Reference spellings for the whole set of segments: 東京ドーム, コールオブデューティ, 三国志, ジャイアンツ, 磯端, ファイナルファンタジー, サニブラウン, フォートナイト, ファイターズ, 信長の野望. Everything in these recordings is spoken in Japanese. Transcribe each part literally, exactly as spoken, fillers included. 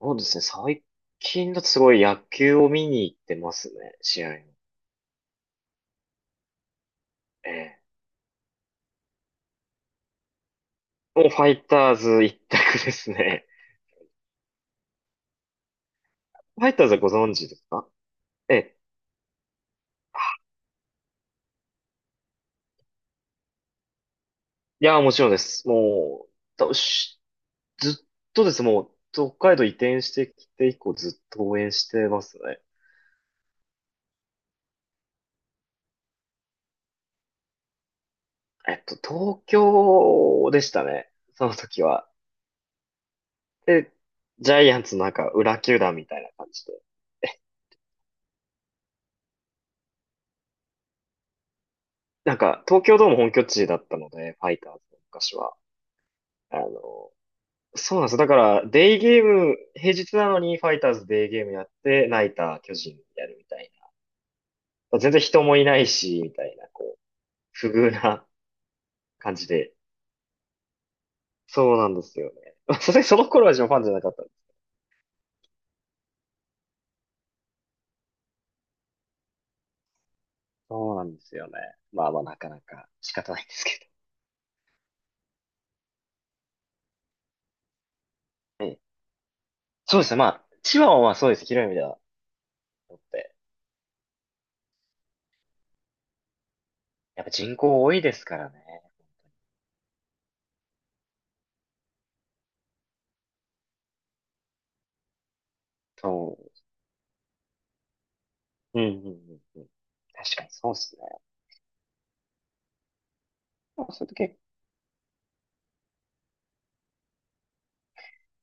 そうですね。最近だとすごい野球を見に行ってますね。試合を。ええ。もうファイターズ一択ですね。ファイターズはご存知ですか？ええ。いや、もちろんです。もう、だしずっとですねもう、北海道移転してきて以降ずっと応援してますね。えっと、東京でしたね。その時は。で、ジャイアンツのなんか裏球団みたいな感じで。えなんか、東京ドーム本拠地だったので、ファイターズの昔は。あの、そうなんですよ。だから、デイゲーム、平日なのにファイターズデイゲームやって、ナイター巨人やるみたいな。全然人もいないし、みたいな、こう、不遇な 感じで。そうなんですよね。まあさすがにその頃はジョンファンじゃなかったんです。そうなんですよね。まあまあ、なかなか仕方ないんですけど。ええ、そうですね。まあ、千葉はまあそうです。広い意味では。だってやっぱ人口多いですからね。そう。うんうんうんうん。確かにそうですね。まあそれと結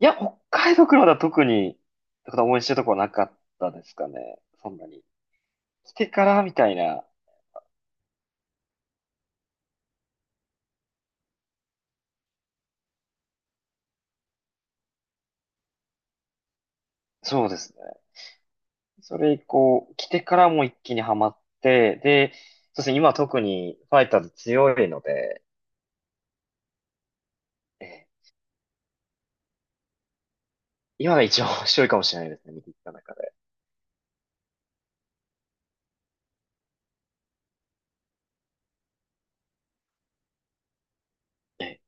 いや、北海道からだ特に、特段応援してるとこはなかったですかね。そんなに。来てからみたいな。そうですね。それ以降、来てからも一気にハマって、で、そうですね、今特にファイターズ強いので、ええ、今が一番面白いかもしれないですね、見てきた中で。ええ、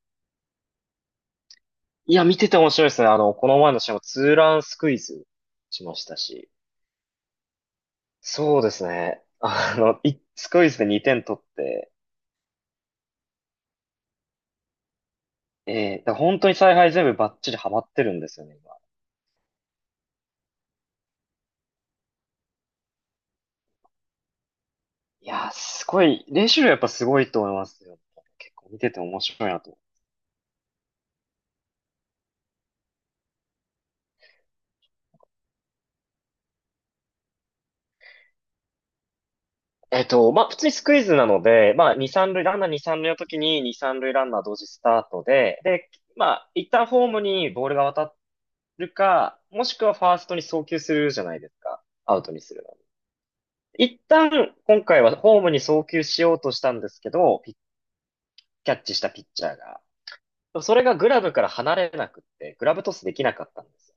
いや、見てて面白いですね。あの、この前の試合もツーランスクイズしましたし。そうですね。あの、いスクイズでにてん取って、ええ、だから本当に采配全部バッチリハマってるんですよね。いやー、すごい、練習量やっぱすごいと思いますよ。結構見てて面白いなと。えっと、まあ、普通にスクイズなので、まあ、に、さん塁、ランナーに、さん塁の時にに、さん塁ランナー同時スタートで、で、まあ、一旦ホームにボールが渡るか、もしくはファーストに送球するじゃないですか。アウトにするの。一旦、今回はホームに送球しようとしたんですけど、ピッキャッチしたピッチャーが。それがグラブから離れなくって、グラブトスできなかったんですよ。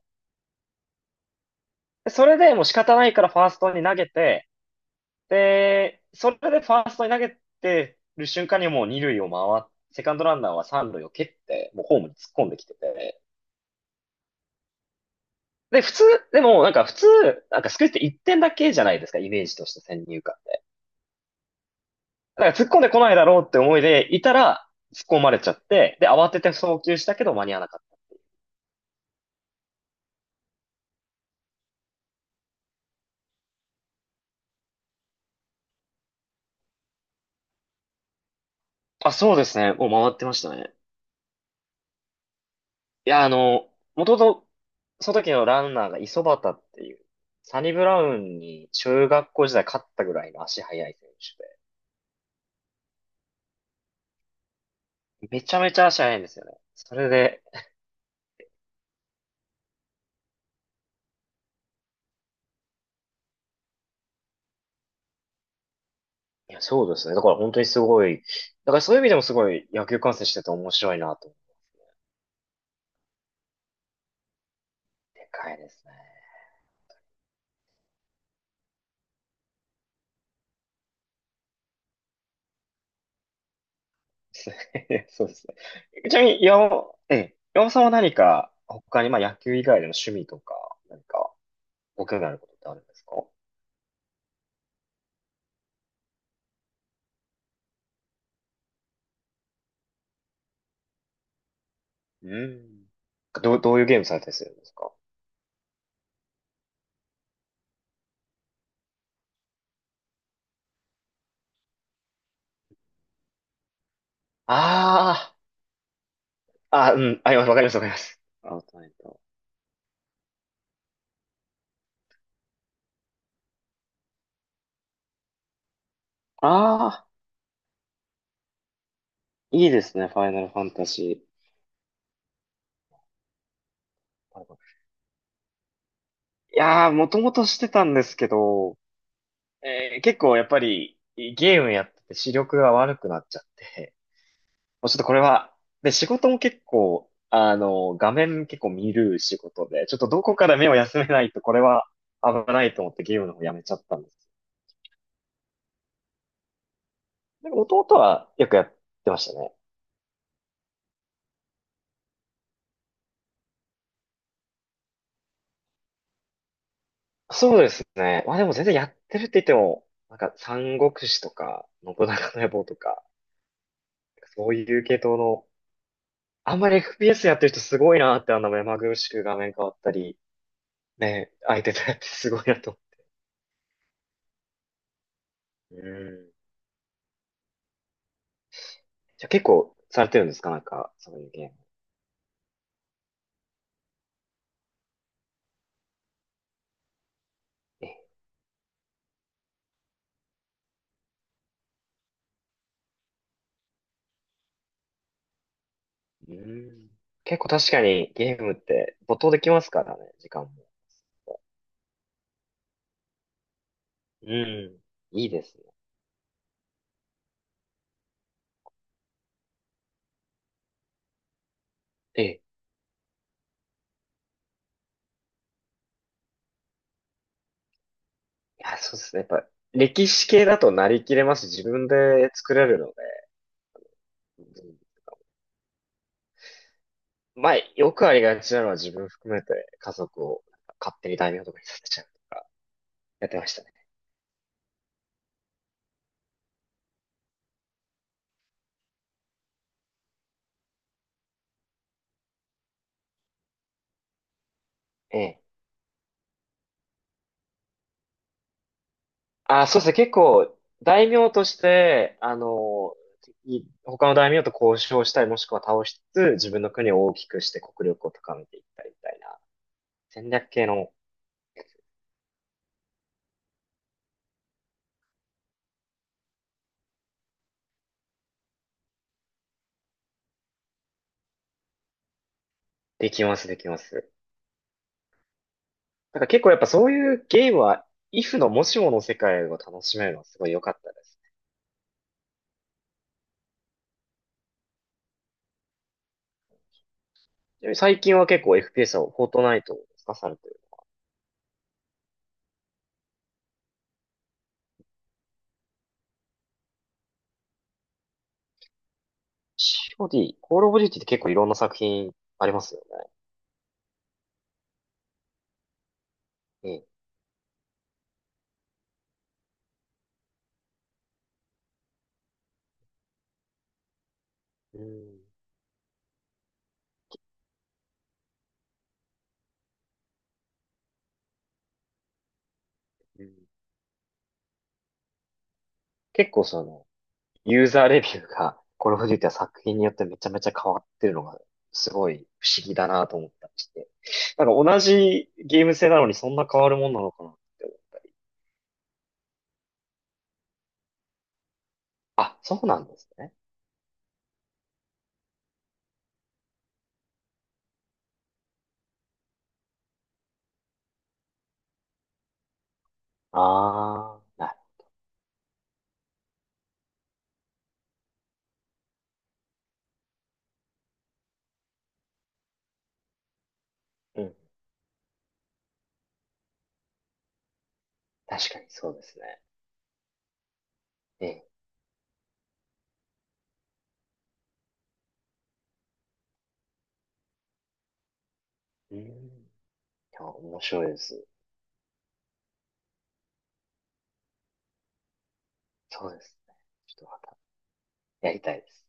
でそれでもう仕方ないからファーストに投げて、で、それでファーストに投げてる瞬間にもう二塁を回って、セカンドランナーは三塁を蹴って、もうホームに突っ込んできてて。で、普通、でもなんか普通、なんかスクイズっていってんだけじゃないですか、イメージとして先入観で。だから突っ込んでこないだろうって思いでいたら、突っ込まれちゃって、で、慌てて送球したけど間に合わなかった。あ、そうですね。もう回ってましたね。いや、あの、もともと、その時のランナーが磯端っていう、サニブラウンに中学校時代勝ったぐらいの足速い選手で。めちゃめちゃ足早いんですよね。それで、いや、そうですね。だから本当にすごい、だからそういう意味でもすごい野球観戦してて面白いなと思って。でかいですね。そうですね。ちなみに、岩尾、ええ、岩尾さんは何か、他に、まあ野球以外での趣味とか、何か、ご興味あることってあるんですか？うん。どう、どういうゲームされたりするんですか？ああ、あ、うん、あ、わかります、わかります。アウトナイト。ああ、いいですね、ファイナルファンタジー。いやー、もともとしてたんですけど、えー結構やっぱりゲームやってて視力が悪くなっちゃって、もうちょっとこれは、で、仕事も結構、あの、画面結構見る仕事で、ちょっとどこから目を休めないとこれは危ないと思ってゲームの方やめちゃったんです。でも弟はよくやってましたね。そうですね。まあでも全然やってるって言っても、なんか三国志とか、信長の野望とか、そういう系統の、あんまり エフピーエス やってる人すごいなって、あんな目まぐるしく画面変わったり、ね、相手とやってすごいなと。うん。じゃあ結構されてるんですか？なんか、そういうゲーム。えうん。結構確かにゲームって没頭できますからね、時間も。うん。いいですね。ええ。いや、そうですね。やっぱ、歴史系だとなりきれますし、自分で作れるので。うん、まあ、よくありがちなのは自分含めて家族をなんか勝手に大名とかにさせちゃうとか、やってましたね。ええ。あ、そうですね。結構、大名として、あの、い他の大名と交渉したり、もしくは倒しつつ、自分の国を大きくして国力を高めていったりみたいな、戦略系の、できます、できます。だから結構やっぱそういうゲームは、イフのもしもの世界を楽しめるのはすごい良かったです。ちなみに最近は結構 エフピーエス はフォートナイトを使かされてる。シーオーディー、コールオブデューティって結構いろんな作品ありますよね。うん。うんうん、結構その、ユーザーレビューが、これフジっは作品によってめちゃめちゃ変わってるのが、すごい不思議だなと思ったりして。なんか同じゲーム性なのにそんな変わるもんなのかなって思う。あ、そうなんですね。ああ、なる。うん。確かにそうですね。ええ。うん。いや面白いです。そうですね。ちょっとまたやりたいです。